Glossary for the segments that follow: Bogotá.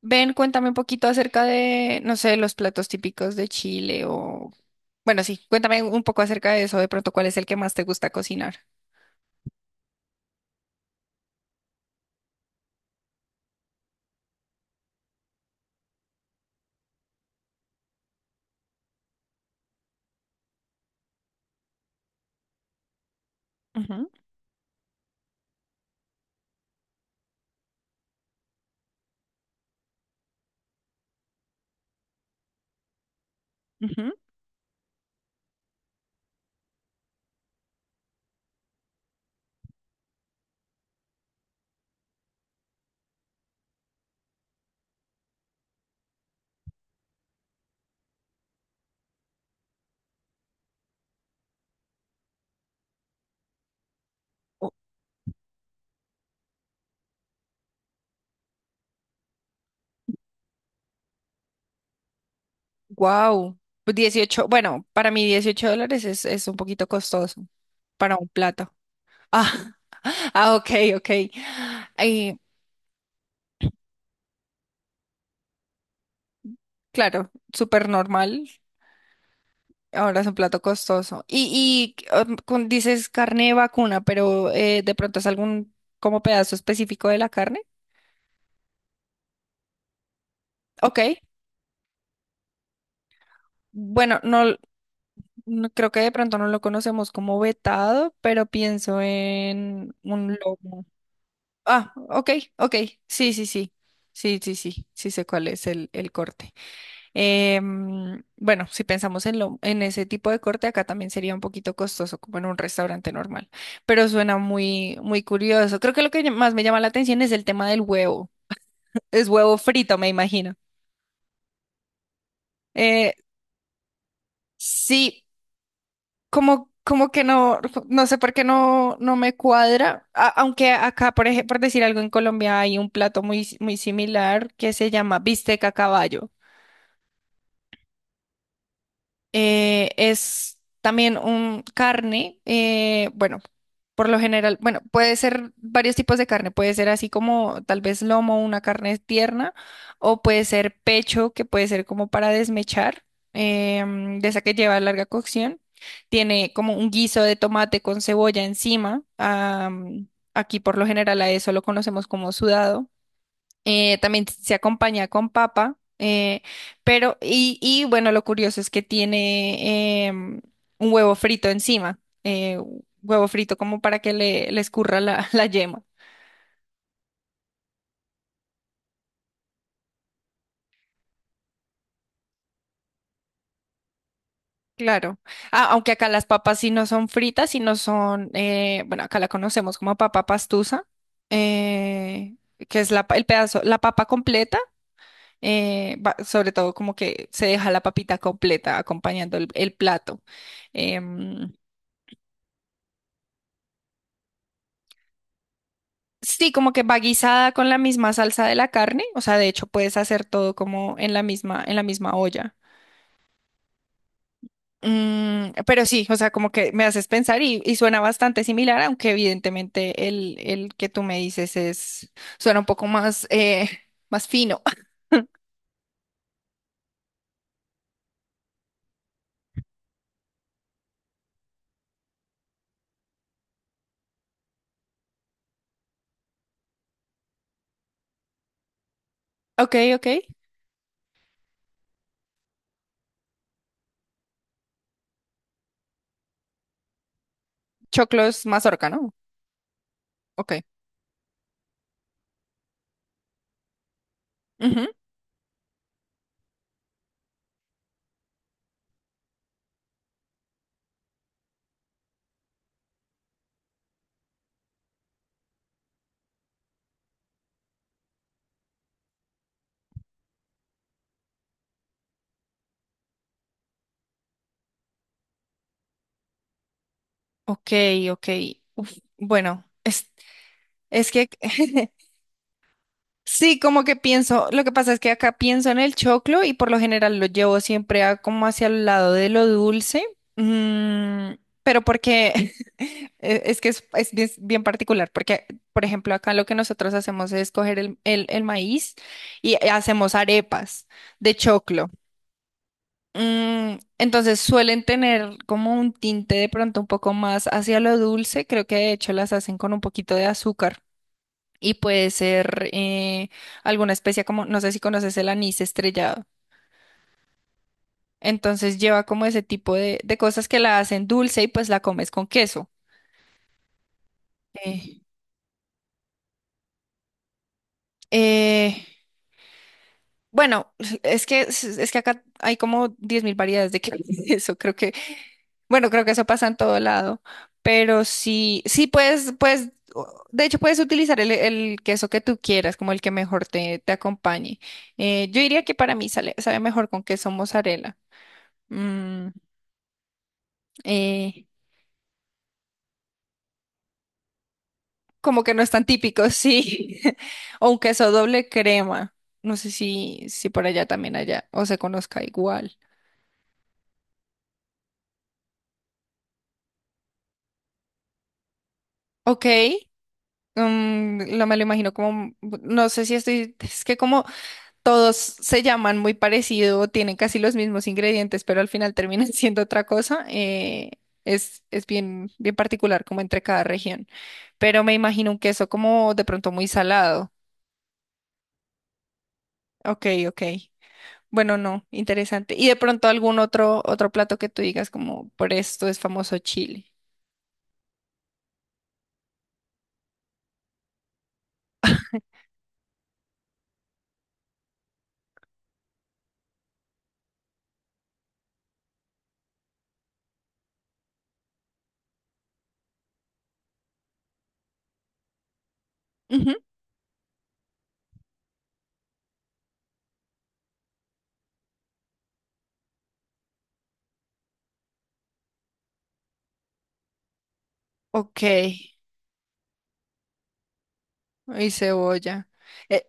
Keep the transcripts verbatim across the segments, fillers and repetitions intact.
Ven, cuéntame un poquito acerca de, no sé, los platos típicos de Chile o... Bueno, sí, cuéntame un poco acerca de eso, de pronto, ¿cuál es el que más te gusta cocinar? Wow, dieciocho. Bueno, para mí dieciocho dólares es, es un poquito costoso para un plato. Ah, ah, ok, ok. Eh, claro, súper normal. Ahora es un plato costoso. Y, y um, con- dices carne de vacuna, pero eh, de pronto es algún como pedazo específico de la carne. Ok. Bueno, no, l- no- creo que de pronto no lo conocemos como vetado, pero pienso en un lomo. Ah, ok, ok. Sí, sí, sí. Sí, sí, sí. Sí sé cuál es el, el corte. Em, bueno, si pensamos en lo, en ese tipo de corte, acá también sería un poquito costoso, como en un restaurante normal. Pero suena muy, muy curioso. Creo que lo que más me llama la atención es el tema del huevo. Es huevo frito, me imagino. Eh, sí, como, como que no, no sé por qué no, no me cuadra. A- aunque acá, por ejemplo, por decir algo, en Colombia hay un plato muy, muy similar que se llama bistec a caballo. Eh, es también un carne, eh, bueno, por lo general, bueno, puede ser varios tipos de carne, puede ser así como tal vez lomo, una carne tierna, o puede ser pecho, que puede ser como para desmechar, em, de esa que lleva larga cocción. Tiene como un guiso de tomate con cebolla encima. Am, aquí por lo general a eso lo conocemos como sudado. Eh, también se acompaña con papa, eh, pero, y, y bueno, lo curioso es que tiene em, un huevo frito encima, eh, huevo frito como para que le, le escurra la, la yema. Claro. Ah, aunque acá las papas sí no son fritas, sino son, eh, bueno, acá la conocemos como papa pastusa, eh, que es la, pa- el pedazo, la papa completa, eh, va- sobre todo como que se deja la papita completa acompañando el, el plato. Em, Sí, como que va guisada con la misma salsa de la carne, o sea, de hecho puedes hacer todo como en la misma, en la misma olla. Mm, pero sí, o sea, como que me haces pensar y, y suena bastante similar, aunque evidentemente el, el que tú me dices es, suena un poco más, eh, más fino. Ok, ok. Choclo es mazorca, ¿no? Ok. Ujú. Ok, ok. Uf, bueno, es, es que Sí, como que pienso, lo que pasa es que acá pienso en el choclo y por lo general lo llevo siempre a- como hacia el lado de lo dulce. Mm, pero porque eh, es que es, es bien, bien particular, porque por ejemplo acá lo que nosotros hacemos es coger el, el- el maíz y hacemos arepas de choclo. Mm, entonces suelen tener como un tinte de pronto un poco más hacia lo dulce, creo que de hecho las hacen con un poquito de azúcar y puede ser eh, alguna especie como, no sé si conoces el anís estrellado. Entonces lleva como ese tipo de, de cosas que la hacen dulce y pues la comes con queso. Eh, eh, bueno, es que, es que acá hay como diez mil variedades de queso, creo que, bueno, creo que eso pasa en todo lado, pero sí, sí puedes, puedes, o- de hecho puedes utilizar el, el queso que tú quieras, como el que mejor te, te acompañe. Eh, yo diría que para mí sale, sabe mejor con queso mozzarella. Mm. Eh, Como que no es tan típico, sí. O un queso doble crema. No sé si, si por allá también allá o se conozca igual. Ok. Mm, lo me lo imagino como, no sé si estoy, es que como todos se llaman muy parecido, tienen casi los mismos ingredientes, pero al final terminan siendo otra cosa, eh, es, es bien, bien particular como entre cada región. Pero me imagino un queso como de pronto muy salado. Ok, ok. Bueno, no, interesante. Y de pronto algún otro, otro plato que tú digas como por esto es famoso Chile. Ujú. Ok, y cebolla. Eh,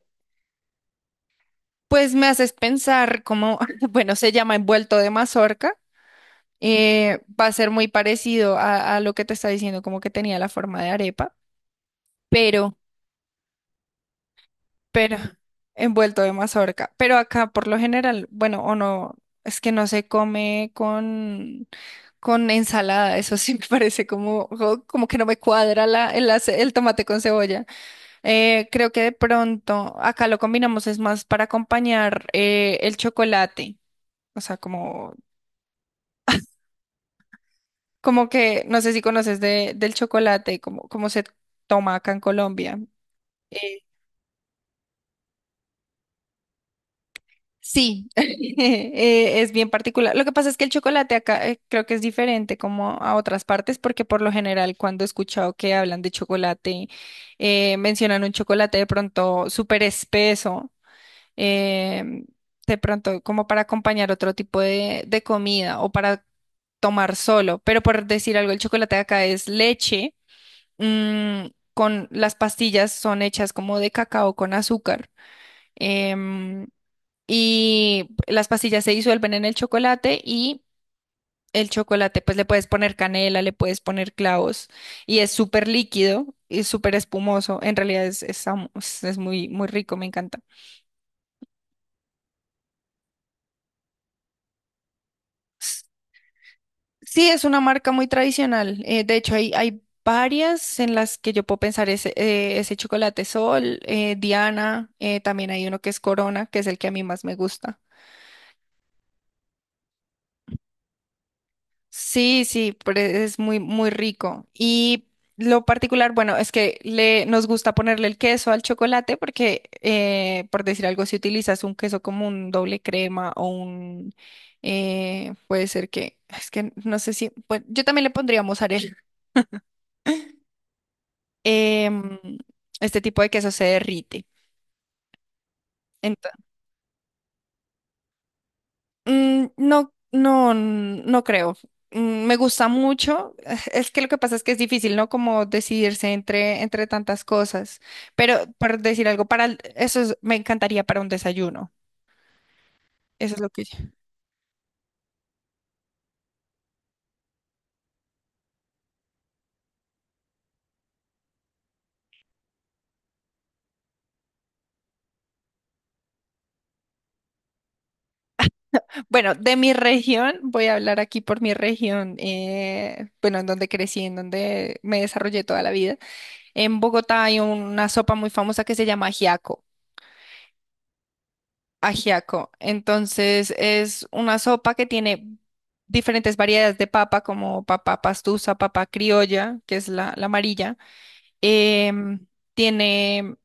pues me haces pensar como, bueno, se llama envuelto de mazorca. Eh, va a ser muy parecido a, a lo que te está diciendo, como que tenía la forma de arepa, pero, pero, envuelto de mazorca. Pero acá por lo general, bueno, o no, es que no se come con con ensalada, eso sí me parece como, jo- como que no me cuadra la, el, ace- el tomate con cebolla. Eh, creo que de pronto acá lo combinamos es más para acompañar eh, el chocolate, o sea, como, como que, no sé si conoces de, del chocolate, como, como se toma acá en Colombia. eh, Sí, eh, es bien particular. Lo que pasa es que el chocolate acá eh, creo que es diferente como a otras partes, porque por lo general cuando he escuchado que hablan de chocolate, eh, mencionan un chocolate de pronto súper espeso, em, de pronto como para acompañar otro tipo de, de comida o para tomar solo. Pero por decir algo, el chocolate de acá es leche, mm, con las pastillas son hechas como de cacao con azúcar. em, y las pastillas se disuelven en el chocolate y el chocolate pues le puedes poner canela, le puedes poner clavos y es súper líquido y súper espumoso. En realidad es, es, am- es- es muy, muy rico, me encanta. S- Sí, es una marca muy tradicional. Eh, de hecho, hay, hay varias en las que yo puedo pensar ese, eh, ese chocolate Sol, eh, Diana, eh, también hay uno que es Corona, que es el que a mí más me gusta. Sí, sí, pero es muy, muy rico. Y lo particular, bueno, es que le, nos gusta ponerle el queso al chocolate porque, eh, por decir algo, si utilizas un queso como un doble crema o un, eh, puede ser que, es que no sé si, bueno, yo también le pondría mozzarella. em, este tipo de queso se derrite. Mm, no, no, no creo. Mm, me gusta mucho. eh, Es que lo que pasa es que es difícil, ¿no? Como decidirse entre, entre tantas cosas. Pero por decir algo, para el- eso es- me encantaría para un desayuno. Eso es lo que yo- Bueno, de mi región, voy a hablar aquí por mi región, eh, bueno, en donde crecí, en donde me desarrollé toda la vida. En Bogotá hay una sopa muy famosa que se llama ajiaco. Ajiaco. Entonces es una sopa que tiene diferentes variedades de papa, como papa pastusa, papa criolla, que es la, la amarilla. Em, Tiene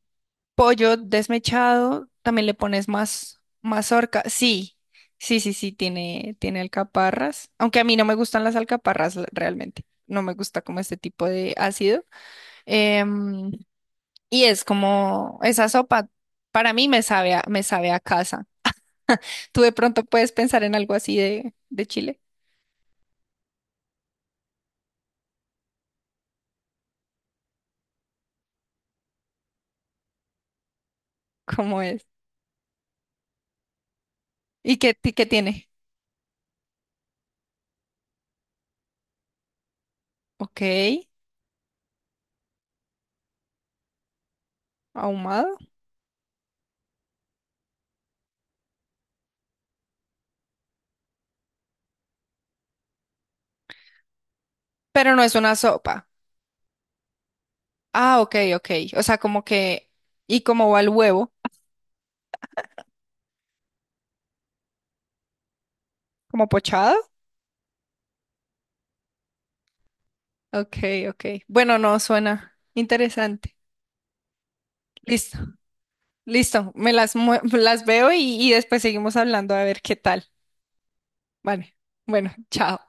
pollo desmechado, también le pones más mazorca. Sí, sí, sí, sí, tiene, tiene alcaparras, aunque a mí no me gustan las alcaparras l- realmente. No me gusta como este tipo de ácido. Em, y es como esa sopa, para mí me sabe a- me sabe a casa. Tú de pronto puedes pensar en algo así de, de Chile. ¿Cómo es? ¿Y qué, ti- qué tiene? Ok, ahumado, pero no es una sopa. Ah, ok, ok. O sea, como que, ¿y cómo va el huevo? ¿Como pochado? Ok, ok. Bueno, no, suena interesante. Listo, listo. Me las, mue- las veo y, y después seguimos hablando a ver qué tal. Vale, bueno, chao.